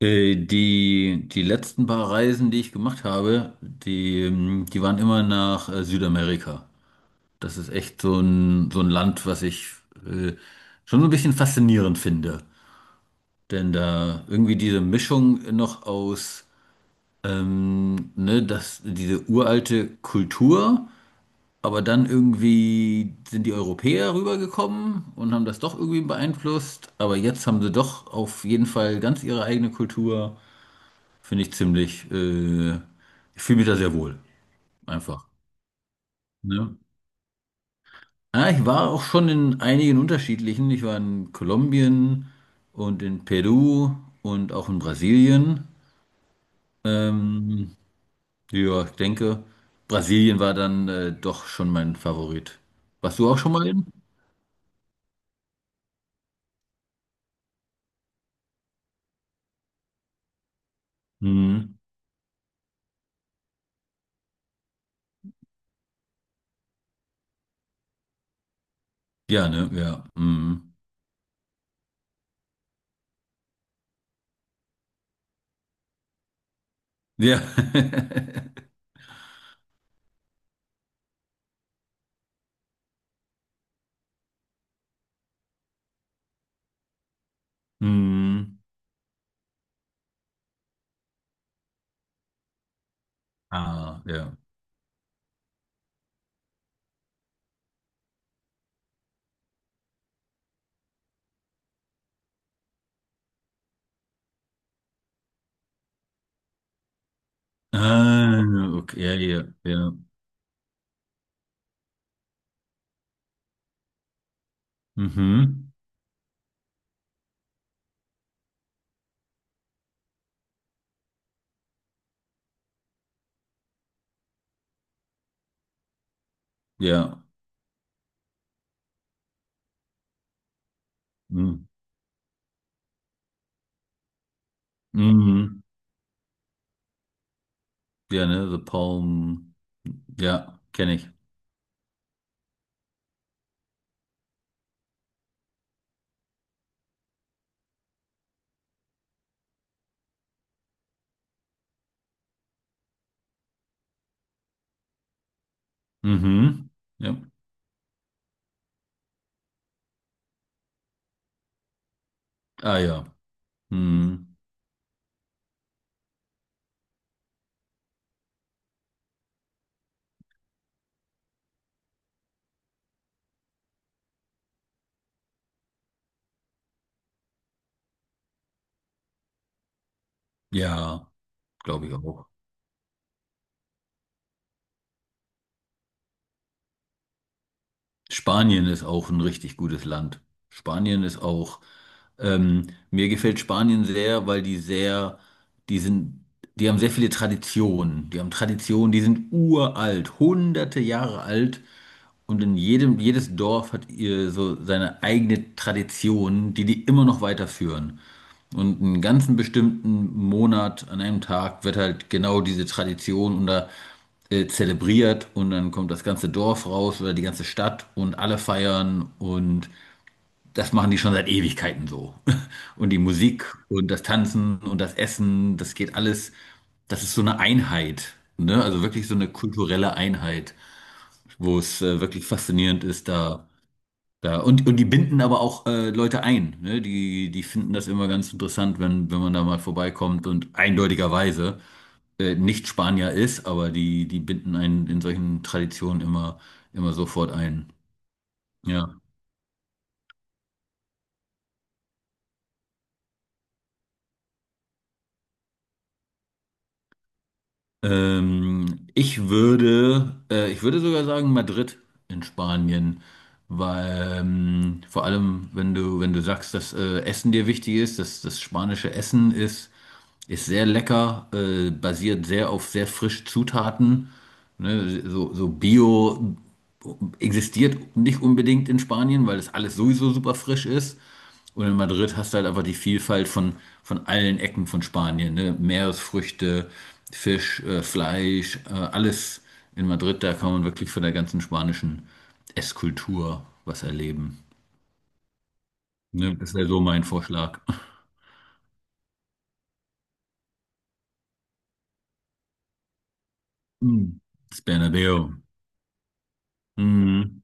Die letzten paar Reisen, die ich gemacht habe, die waren immer nach Südamerika. Das ist echt so ein Land, was ich äh, schon so ein bisschen faszinierend finde. Denn da irgendwie diese Mischung noch aus diese uralte Kultur, aber dann irgendwie sind die Europäer rübergekommen und haben das doch irgendwie beeinflusst. Aber jetzt haben sie doch auf jeden Fall ganz ihre eigene Kultur. Finde ich ziemlich, ich fühle mich da sehr wohl, einfach. Ne? Ja, ich war auch schon in einigen unterschiedlichen. Ich war in Kolumbien und in Peru und auch in Brasilien. Ähm, ja, ich denke, Brasilien war dann doch schon mein Favorit. Warst du auch schon mal in? Mhm. Ja, ne? Ja. Mhm. Ja. Mhm. Ah, ja. Ah, okay, ja, ja, ja. Mhm. Ja. Mhm. Mhm. Ja, ne, The Palm. Ja, kenne ich. Mhm. Ja. Ah ja. Mhm. Ja, glaube ich auch. Spanien ist auch ein richtig gutes Land. Spanien ist auch. Mir gefällt Spanien sehr, weil die sind, die haben sehr viele Traditionen. Die haben Traditionen, die sind uralt, hunderte Jahre alt. Und in jedes Dorf hat ihr so seine eigene Tradition, die immer noch weiterführen. Und einen ganzen bestimmten Monat an einem Tag wird halt genau diese Tradition zelebriert und dann kommt das ganze Dorf raus oder die ganze Stadt und alle feiern und das machen die schon seit Ewigkeiten so. Und die Musik und das Tanzen und das Essen, das geht alles, das ist so eine Einheit, ne? Also wirklich so eine kulturelle Einheit, wo es wirklich faszinierend ist, da da, und die binden aber auch Leute ein. Ne? Die finden das immer ganz interessant, wenn man da mal vorbeikommt und eindeutigerweise nicht Spanier ist, aber die binden einen in solchen Traditionen immer sofort ein. Ja. Ich würde sogar sagen Madrid in Spanien, weil vor allem, wenn du sagst, dass Essen dir wichtig ist, dass das spanische Essen ist. Ist sehr lecker, basiert sehr auf sehr frischen Zutaten. So Bio existiert nicht unbedingt in Spanien, weil das alles sowieso super frisch ist. Und in Madrid hast du halt einfach die Vielfalt von allen Ecken von Spanien. Ne? Meeresfrüchte, Fisch, Fleisch, alles in Madrid. Da kann man wirklich von der ganzen spanischen Esskultur was erleben. Ne? Das wäre so mein Vorschlag. Mm. Das Bernabéu. Mm.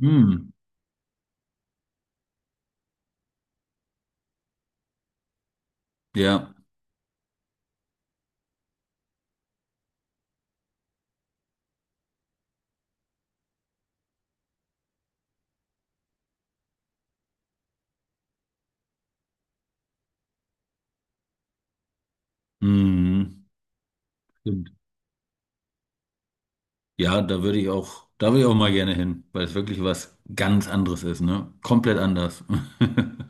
Mm. Ja. Mhm. Stimmt. Ja, da würde ich auch mal gerne hin, weil es wirklich was ganz anderes ist, ne? Komplett anders.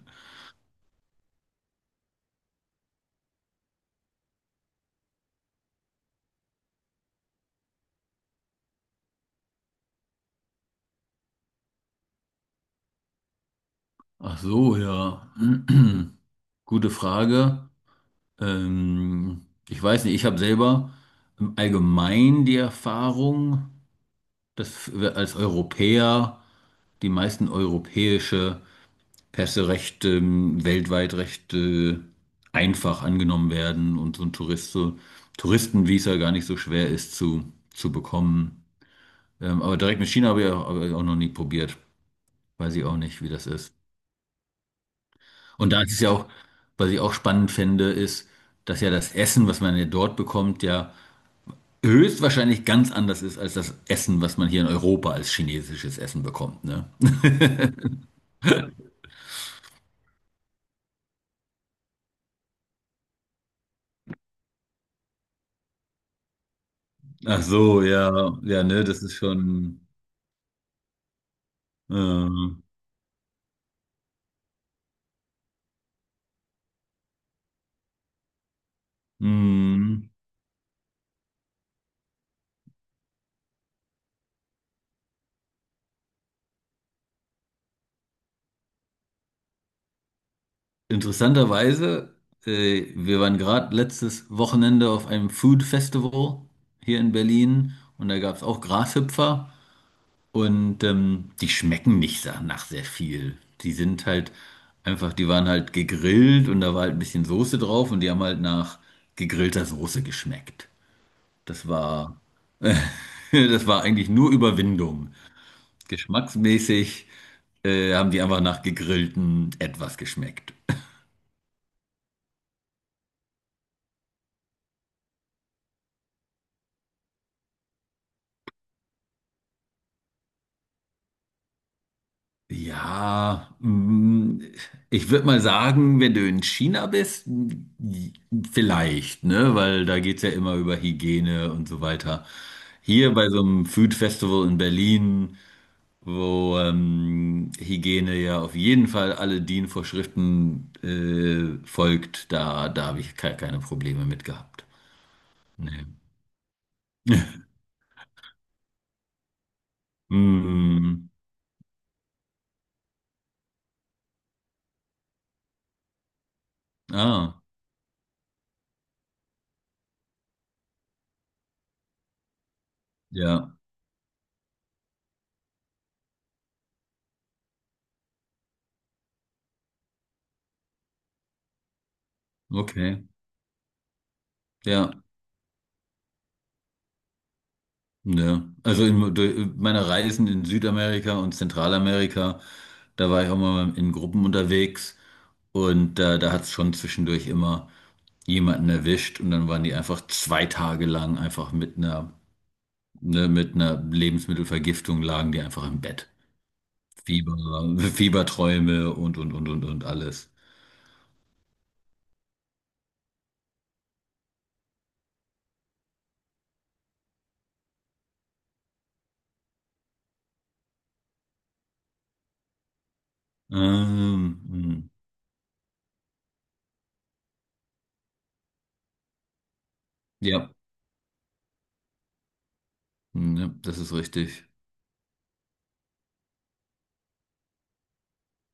Ach so, ja. Gute Frage. Ich weiß nicht, ich habe selber im Allgemeinen die Erfahrung, dass wir als Europäer die meisten europäische Pässe recht weltweit recht einfach angenommen werden und so ein Tourist, so, Touristenvisa gar nicht so schwer ist zu bekommen. Aber direkt mit China habe ich auch noch nie probiert. Weiß ich auch nicht, wie das ist. Und da ist es ja auch, was ich auch spannend fände, ist, dass ja das Essen, was man ja dort bekommt, ja höchstwahrscheinlich ganz anders ist als das Essen, was man hier in Europa als chinesisches Essen bekommt, ne? Ach so, ja, ja, ne, das ist schon, äh, mm. Interessanterweise, wir waren gerade letztes Wochenende auf einem Food Festival hier in Berlin und da gab es auch Grashüpfer und die schmecken nicht sa- nach sehr viel. Die sind halt einfach, die waren halt gegrillt und da war halt ein bisschen Soße drauf und die haben halt nach gegrillter Soße geschmeckt. Das war, das war eigentlich nur Überwindung. Geschmacksmäßig haben die einfach nach gegrillten etwas geschmeckt. Ja, mm, ich würde mal sagen, wenn du in China bist, mm, vielleicht, ne? Weil da geht's ja immer über Hygiene und so weiter. Hier bei so einem Food Festival in Berlin, wo Hygiene ja auf jeden Fall alle DIN-Vorschriften folgt, da habe ich ke keine Probleme mit gehabt. Nee. Mm, ah, ja, okay, ja. Ja, also in durch meiner Reisen in Südamerika und Zentralamerika, da war ich auch mal in Gruppen unterwegs und da hat es schon zwischendurch immer jemanden erwischt und dann waren die einfach zwei Tage lang einfach mit ne, mit einer Lebensmittelvergiftung lagen die einfach im Bett. Fieber, Fieberträume und alles. Ähm, mm, ja, ja, das ist richtig.